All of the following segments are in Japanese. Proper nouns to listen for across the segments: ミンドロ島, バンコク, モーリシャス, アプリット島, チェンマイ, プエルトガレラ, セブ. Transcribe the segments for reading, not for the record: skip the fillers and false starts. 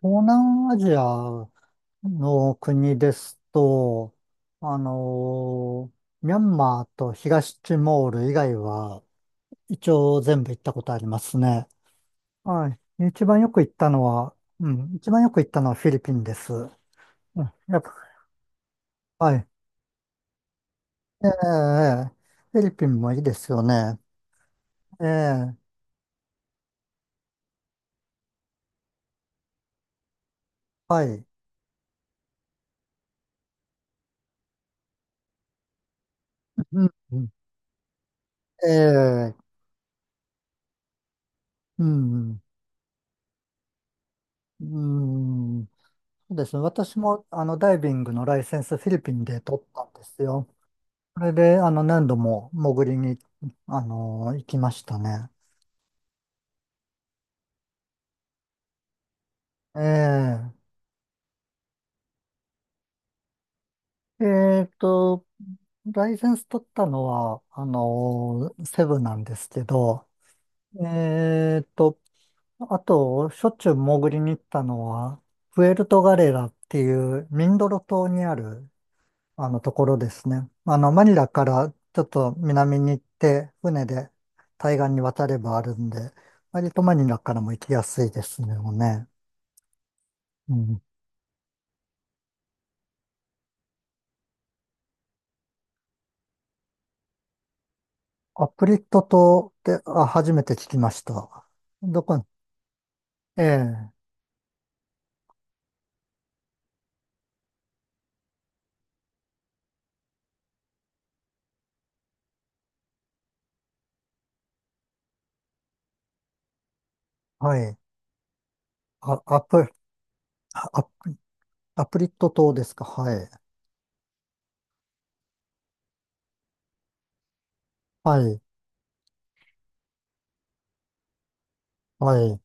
東南アジアの国ですと、あのミャンマーと東ティモール以外は、一応全部行ったことありますね。はい。一番よく行ったのは、うん、一番よく行ったのはフィリピンです。うん、やっぱ、はい。ええ、フィリピンもいいですよね。ええ。はい。うん、うん、ええ、うん、うん。そうですね。私も、ダイビングのライセンスフィリピンで取ったんですよ。それで、何度も潜りに、行きましたね。えええっと、ライセンス取ったのは、セブなんですけど、えっと、あと、しょっちゅう潜りに行ったのは、プエルトガレラっていうミンドロ島にあるあのところですね。マニラからちょっと南に行って、船で対岸に渡ればあるんで、割とマニラからも行きやすいですね。もうね。うん。アプリット島って、あ、初めて聞きました。どこに、ええ、はい。あ、アプ、あアプ、アプリット島ですか？はい。はい。はい。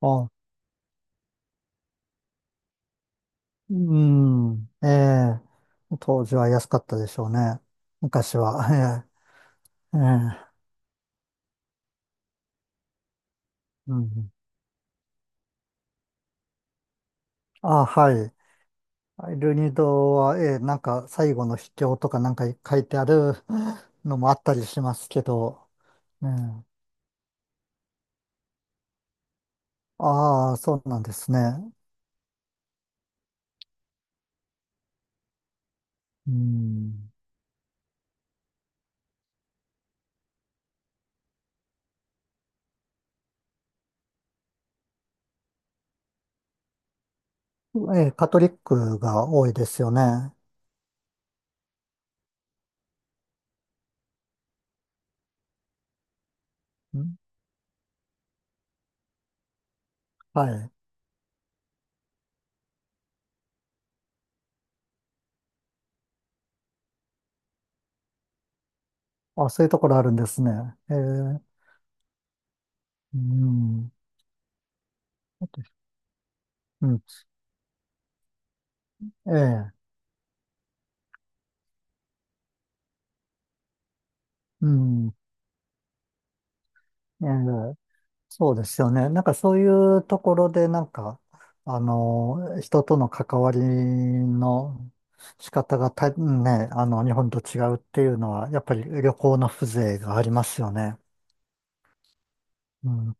あ、うん。ええ、当時は安かったでしょうね。昔は。ええ、ええ、うん。あ、はい。ルニドは、なんか最後の秘境とかなんか書いてあるのもあったりしますけど、ね、ああ、そうなんですね。うん、カトリックが多いですよね。ん、はい。あ、そういうところあるんですね。えーうん、うん、ええ、うん、ええ、そうですよね。なんかそういうところで、なんか、人との関わりの仕方がね、日本と違うっていうのは、やっぱり旅行の風情がありますよね。うん。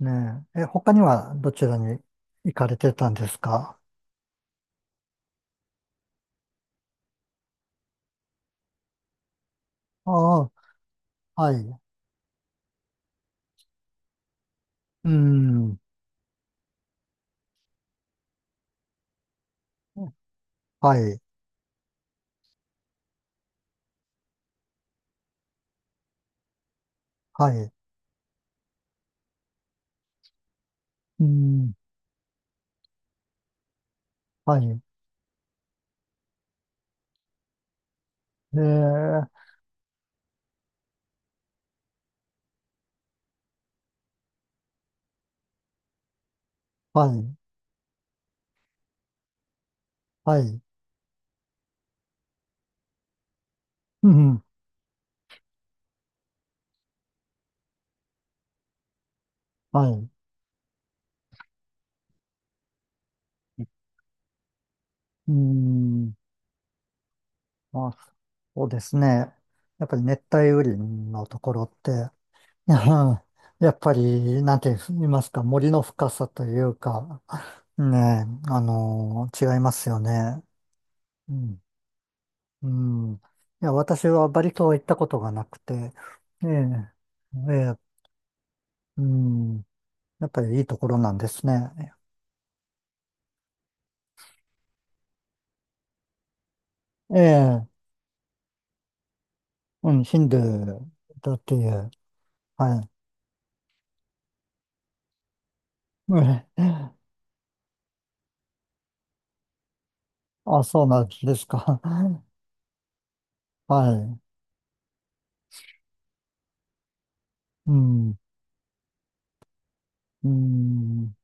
ねえ。他にはどちらに行かれてたんですか？ああ、はい。うん。はい。はい。うん。はい。えー、はい。はい。うん。はい。うん。まあ、そうですね。やっぱり熱帯雨林のところって、うん、やっぱり、なんて言いますか、森の深さというか、ねえ、違いますよね。うん。うん。いや、私はバリ島は行ったことがなくて、ええ、ええ、うん。やっぱりいいところなんですね。ええ、うん、ヒンドゥーだっていう、はい。ええ。あ、そうなんですか。はい。うん。うーん、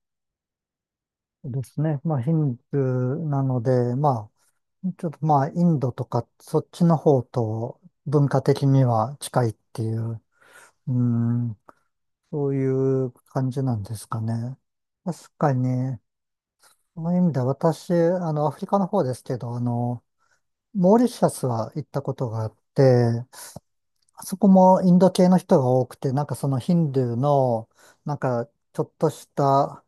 ですね。まあ、ヒンドゥーなので、まあ、ちょっとまあ、インドとか、そっちの方と文化的には近いっていう、うーん、そういう感じなんですかね。確かに、その意味では私、アフリカの方ですけど、モーリシャスは行ったことがあって、あそこもインド系の人が多くて、なんかそのヒンドゥーの、なんか、ちょっとした、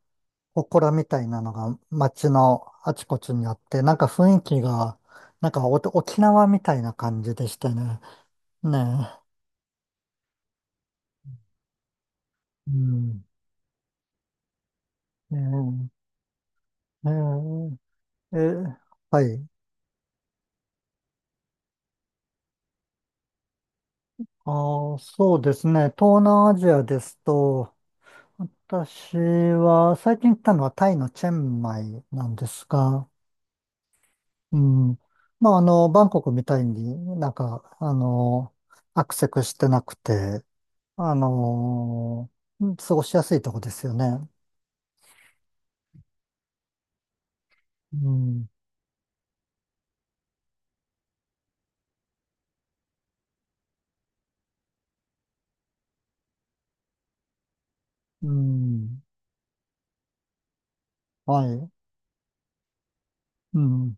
祠みたいなのが街のあちこちにあって、なんか雰囲気が、なんかお沖縄みたいな感じでしたね。ねえ。うん。ね、ええ、ええ、はい。ああ、そうですね。東南アジアですと、私は最近行ったのはタイのチェンマイなんですが、うん。まあ、バンコクみたいになんか、アクセスしてなくて、あのうん、過ごしやすいとこですよね。うん。うん。はい。うん。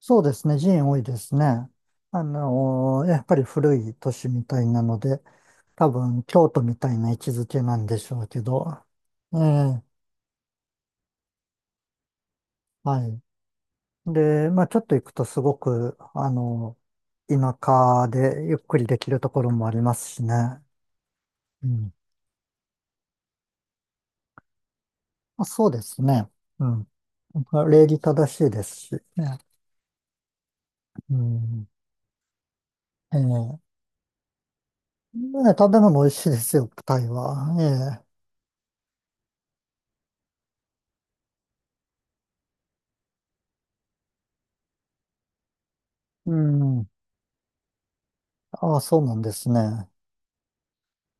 そうですね。寺院多いですね。やっぱり古い都市みたいなので、多分京都みたいな位置づけなんでしょうけど。ええ、はい。で、まあちょっと行くとすごく、田舎でゆっくりできるところもありますしね。うん。まあ、そうですね。うん。礼儀正しいですしね。うん。ええ。ねえ、食べ物美味しいですよ、タイは。ええ。うん。ああ、そうなんですね。あ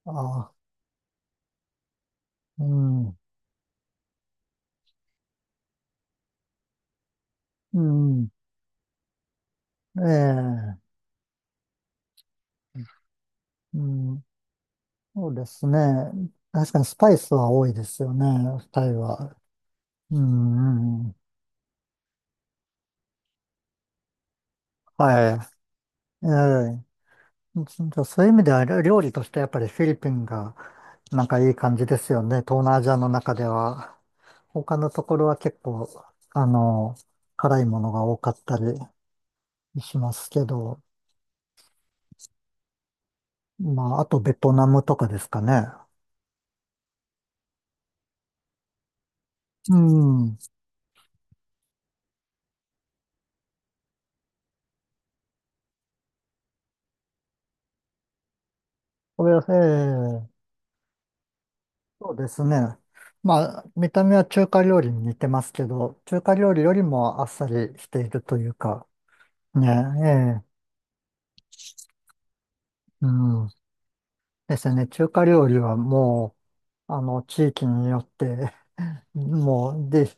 あ、うん。うん。ええ。うん。そうですね。確かにスパイスは多いですよね、タイは。うん。うん、はい。ええ。じゃあそういう意味では料理としてやっぱりフィリピンがなんかいい感じですよね。東南アジアの中では。他のところは結構、あの、辛いものが多かったり、しますけど、まあ、あとベトナムとかですかね。うん。これは、ええ、そうですね。まあ、見た目は中華料理に似てますけど、中華料理よりもあっさりしているというか、ね、ええ、うん。ですね。中華料理はもう、地域によって もう、で、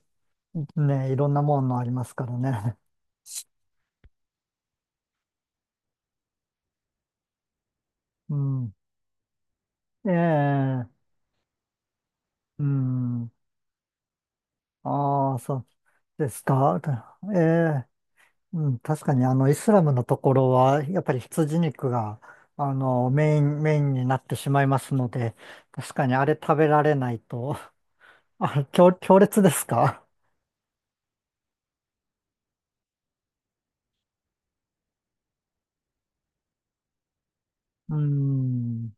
ね、いろんなものありますからね。うん。ええ、うん。ああ、そうですか。ええ。うん、確かにイスラムのところはやっぱり羊肉がメインになってしまいますので、確かにあれ食べられないと、あ、強烈ですか？ うん。